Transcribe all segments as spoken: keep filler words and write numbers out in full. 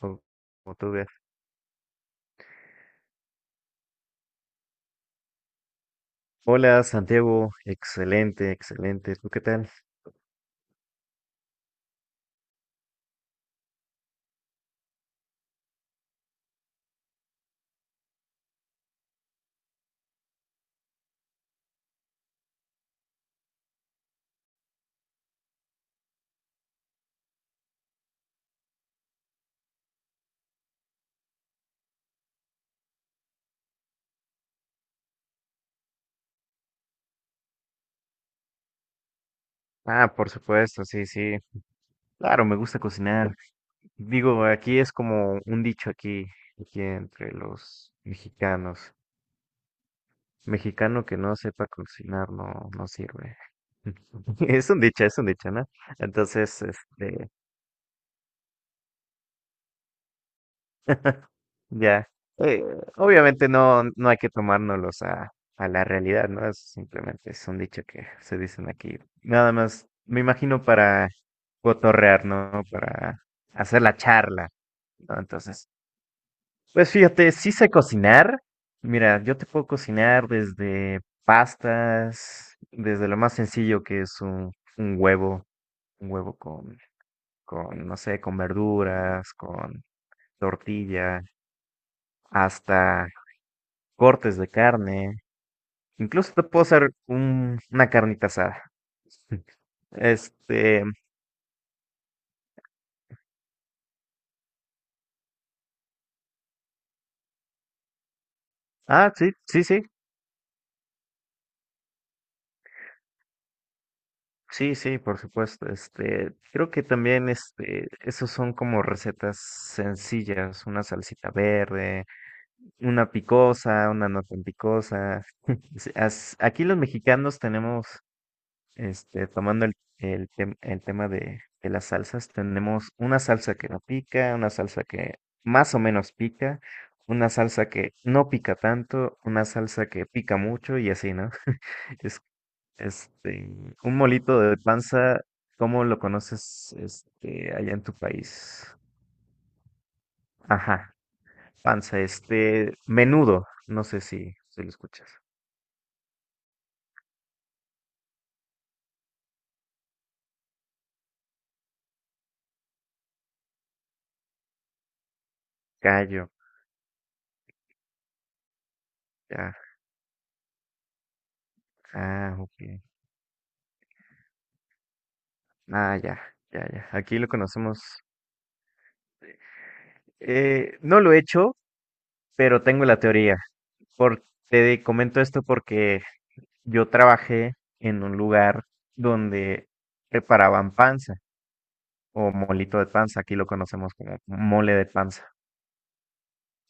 Como como tú veas. Hola Santiago, excelente, excelente. ¿Tú qué tal? Ah, por supuesto, sí, sí. Claro, me gusta cocinar. Digo, aquí es como un dicho aquí, aquí entre los mexicanos. Mexicano que no sepa cocinar no, no sirve. Es un dicho, es un dicho, ¿no? Entonces, este, Ya. Eh, obviamente no, no hay que tomárnoslos a, a la realidad, ¿no? Es simplemente es un dicho que se dicen aquí. Nada más, me imagino para cotorrear, ¿no? Para hacer la charla, ¿no? Entonces, pues fíjate, sí sé cocinar. Mira, yo te puedo cocinar desde pastas, desde lo más sencillo que es un, un huevo, un huevo con, con, no sé, con verduras, con tortilla, hasta cortes de carne. Incluso te puedo hacer un- una carnita asada. Este, ah, sí, sí, sí, sí, sí, por supuesto. Este, creo que también, este, esos son como recetas sencillas, una salsita verde, una picosa, una no tan picosa. Sí, as- aquí los mexicanos tenemos. Este, tomando el, el, tem- el tema de, de las salsas, tenemos una salsa que no pica, una salsa que más o menos pica, una salsa que no pica tanto, una salsa que pica mucho y así, ¿no? Es, este, un molito de panza, ¿cómo lo conoces, este, allá en tu país? Ajá, panza, este, menudo, no sé si, si lo escuchas. Callo, ya, ah, ok, ah, ya, ya, ya. Aquí lo conocemos. Eh, no lo he hecho, pero tengo la teoría. Por- te comento esto porque yo trabajé en un lugar donde preparaban panza o molito de panza, aquí lo conocemos como mole de panza.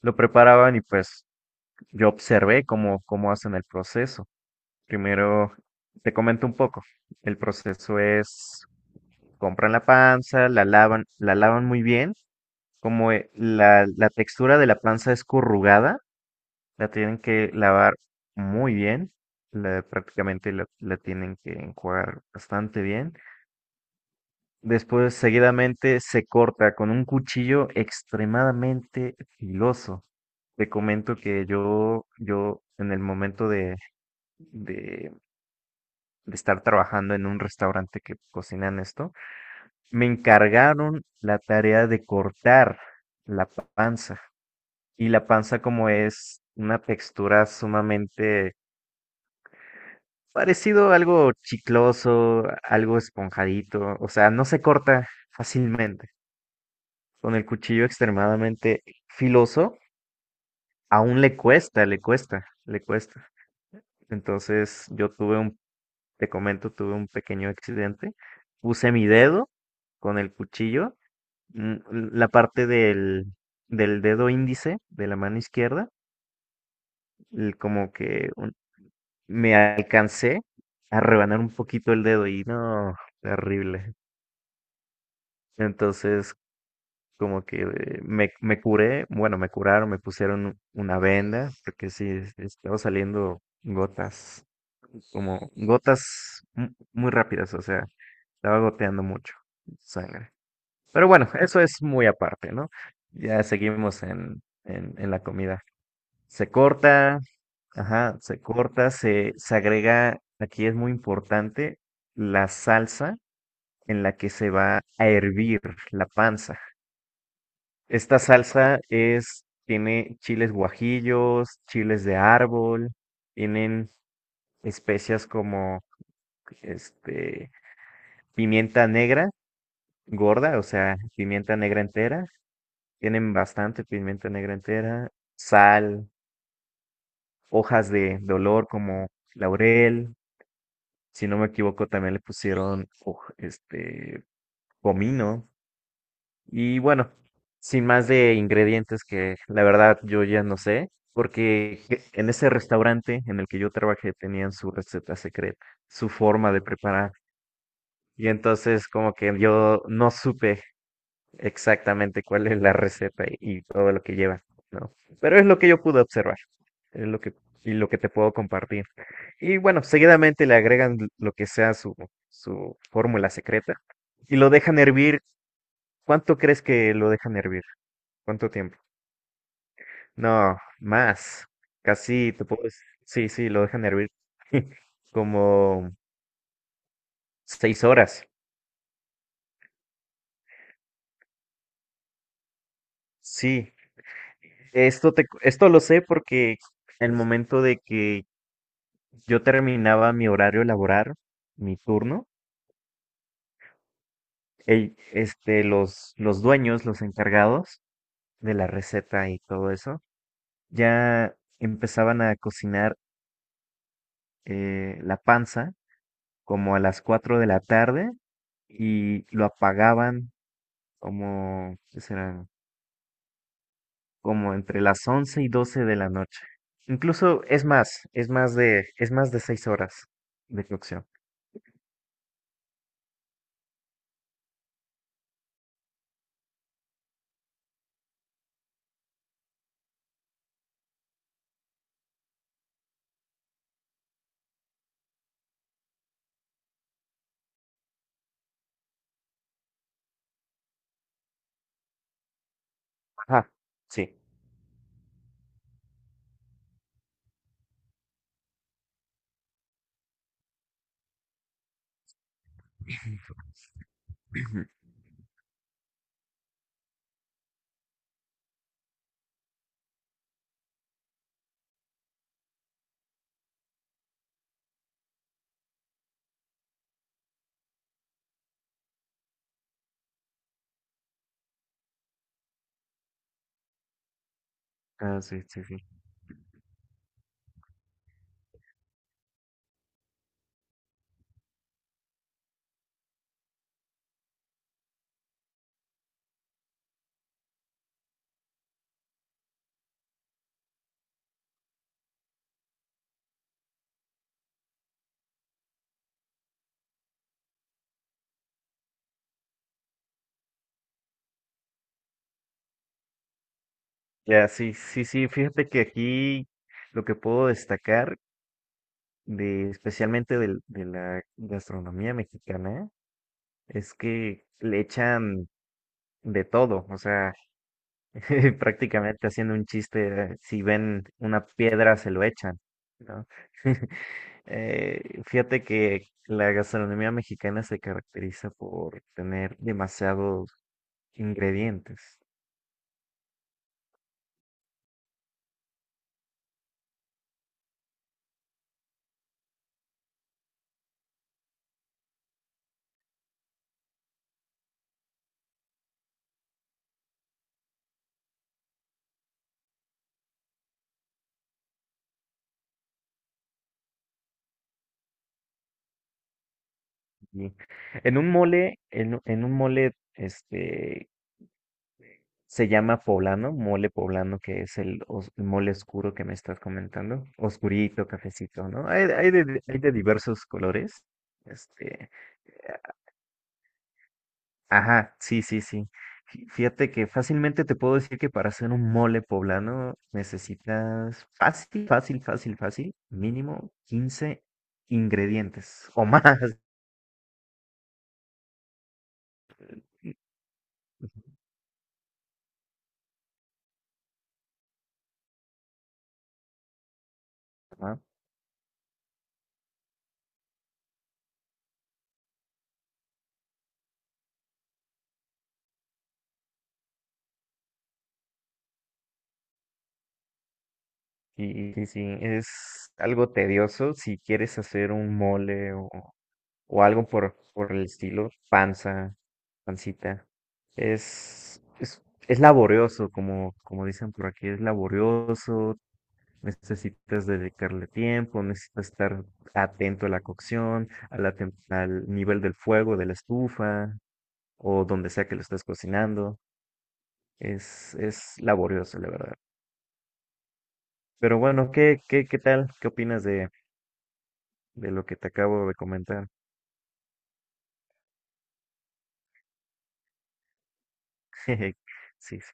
Lo preparaban y pues yo observé cómo, cómo hacen el proceso. Primero, te comento un poco. El proceso es, compran la panza, la lavan, la lavan muy bien, como eh, la, la textura de la panza es corrugada. La tienen que lavar muy bien, la- prácticamente la, la tienen que enjuagar bastante bien. Después, seguidamente, se corta con un cuchillo extremadamente filoso. Te comento que yo, yo en el momento de, de, de estar trabajando en un restaurante que cocinan esto, me encargaron la tarea de cortar la panza. Y la panza, como es una textura sumamente parecido a algo chicloso, algo esponjadito, o sea, no se corta fácilmente. Con el cuchillo extremadamente filoso, aún le cuesta, le cuesta, le cuesta. Entonces, yo tuve un, te comento, tuve un pequeño accidente. Puse mi dedo con el cuchillo, mm, la parte del, del dedo índice de la mano izquierda, el- como que un- me alcancé a rebanar un poquito el dedo y no, terrible. Entonces, como que eh, me, me curé, bueno, me curaron, me pusieron una venda, porque sí, es- estaba saliendo gotas, como gotas mu- muy rápidas, o sea, estaba goteando mucho sangre. Pero bueno, eso es muy aparte, ¿no? Ya seguimos en, en, en la comida. Se corta, ajá, se corta, se, se agrega, aquí es muy importante, la salsa en la que se va a hervir la panza. Esta salsa es, tiene chiles guajillos, chiles de árbol, tienen especias como este pimienta negra gorda, o sea, pimienta negra entera, tienen bastante pimienta negra entera, sal, hojas de de olor como laurel, si no me equivoco también le pusieron hoj- este comino. Y bueno, sin más de ingredientes que la verdad yo ya no sé, porque que- en ese restaurante en el que yo trabajé tenían su receta secreta, su forma de preparar. Y entonces como que yo no supe exactamente cuál es la receta y, y todo lo que lleva, ¿no? Pero es lo que yo pude observar, es lo que, y lo que te puedo compartir. Y bueno, seguidamente le agregan lo que sea su, su fórmula secreta y lo dejan hervir. ¿Cuánto crees que lo dejan hervir? ¿Cuánto tiempo? No, más. Casi te puedo decir- sí, sí, lo dejan hervir como seis horas. Sí, esto te, cu- esto lo sé porque el momento de que yo terminaba mi horario laboral, mi turno, el- este, los, los dueños, los encargados de la receta y todo eso, ya empezaban a cocinar eh, la panza como a las cuatro de la tarde y lo apagaban como, ¿qué serán? Como entre las once y doce de la noche. Incluso es más, es más de, es más de seis horas de cocción. Ajá, sí. Ah, sí, sí, sí. Ya, sí, sí, sí. Fíjate que aquí lo que puedo destacar de, especialmente del- de, la gastronomía mexicana, es que le echan de todo. O sea, prácticamente haciendo un chiste, si ven una piedra, se lo echan, ¿no? Eh, fíjate que la gastronomía mexicana se caracteriza por tener demasiados ingredientes. Y en un mole, en, u- en un mole, este, se llama poblano, mole poblano, que es el, os- el mole oscuro que me estás comentando, oscurito, cafecito, ¿no? Hay, hay de, hay de diversos colores. Este, ajá, sí, sí, sí. Fí- Fíjate que fácilmente te puedo decir que para hacer un mole poblano necesitas fácil, fácil, fácil, fácil, mínimo quince ingredientes o más. ¿No? Y, y sí, es algo tedioso si quieres hacer un mole o, o algo por, por el estilo, panza, pancita. Es, es, es laborioso, como, como dicen por aquí, es laborioso. Necesitas dedicarle tiempo, necesitas estar atento a la cocción, a la tem- al nivel del fuego, de la estufa o donde sea que lo estés cocinando. Es, es laborioso, la verdad. Pero bueno, ¿qué, qué, qué tal? ¿Qué opinas de, de lo que te acabo de comentar? Sí, sí,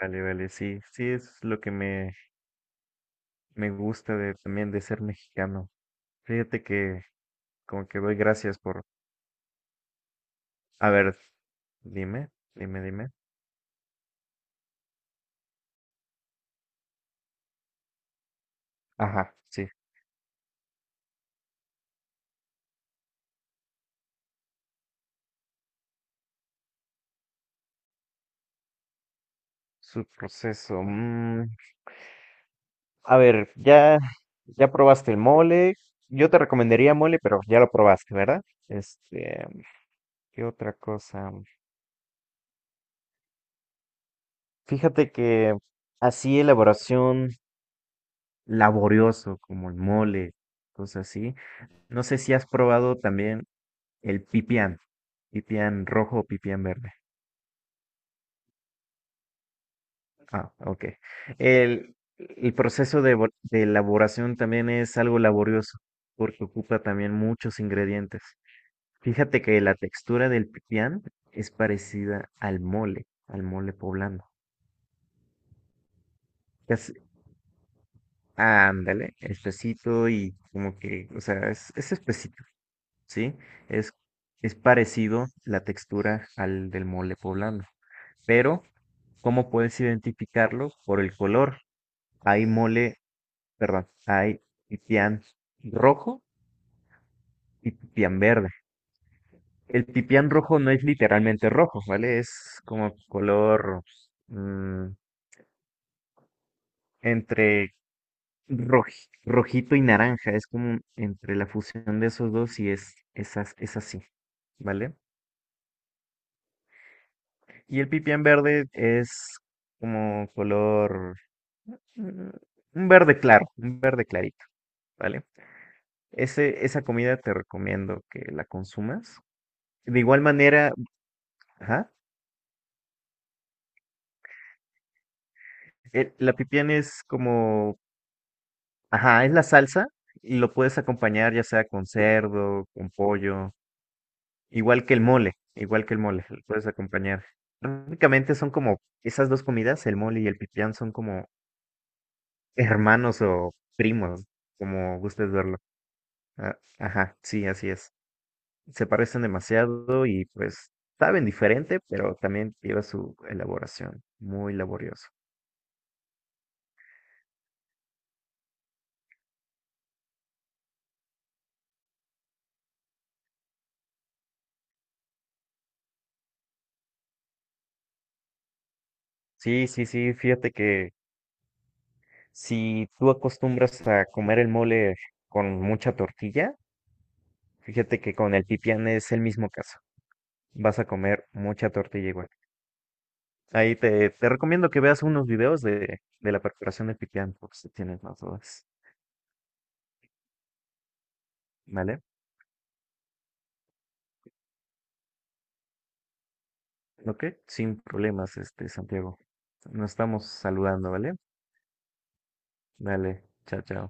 vale, vale, sí, sí, es lo que me, me gusta de, también de ser mexicano. Fíjate que como que doy gracias por... A ver, dime, dime, dime. Ajá, sí. Su proceso. mm, A ver, ya, ya probaste el mole. Yo te recomendaría mole, pero ya lo probaste, ¿verdad? Este, ¿qué otra cosa? Fíjate que así elaboración laborioso como el mole, cosas así. No sé si has probado también el pipián, pipián rojo o pipián verde. Ah, ok. El, el proceso de, vo- de elaboración también es algo laborioso porque ocupa también muchos ingredientes. Fíjate que la textura del pipián es parecida al mole, al mole poblano. Es, ándale, espesito y como que, o sea, es, es espesito, ¿sí? Es, es parecido la textura al del mole poblano. Pero, ¿cómo puedes identificarlo? Por el color. Hay mole, perdón, hay pipián rojo y pipián verde. El pipián rojo no es literalmente rojo, ¿vale? Es como color... mm, entre roj- rojito y naranja, es como entre la fusión de esos dos y es, es, as- es así, ¿vale? Y el pipián verde es como color, mm, un verde claro, un verde clarito, ¿vale? Ese, esa comida te recomiendo que la consumas. De igual manera, ajá, el- la pipián es como, ajá, es la salsa y lo puedes acompañar ya sea con cerdo, con pollo. Igual que el mole, igual que el mole, lo puedes acompañar. Prácticamente son como esas dos comidas, el mole y el pipián, son como hermanos o primos, como gustes verlo. Ah, ajá, sí, así es. Se parecen demasiado y pues saben diferente, pero también lleva su elaboración, muy laborioso. Sí, sí, sí, fíjate que si tú acostumbras a comer el mole con mucha tortilla, fíjate que con el pipián es el mismo caso. Vas a comer mucha tortilla igual. Ahí te, te recomiendo que veas unos videos de, de la perforación de pipián, por si tienes más dudas. ¿Vale? Ok, sin problemas, este, Santiago. Nos estamos saludando, ¿vale? Dale, chao, chao.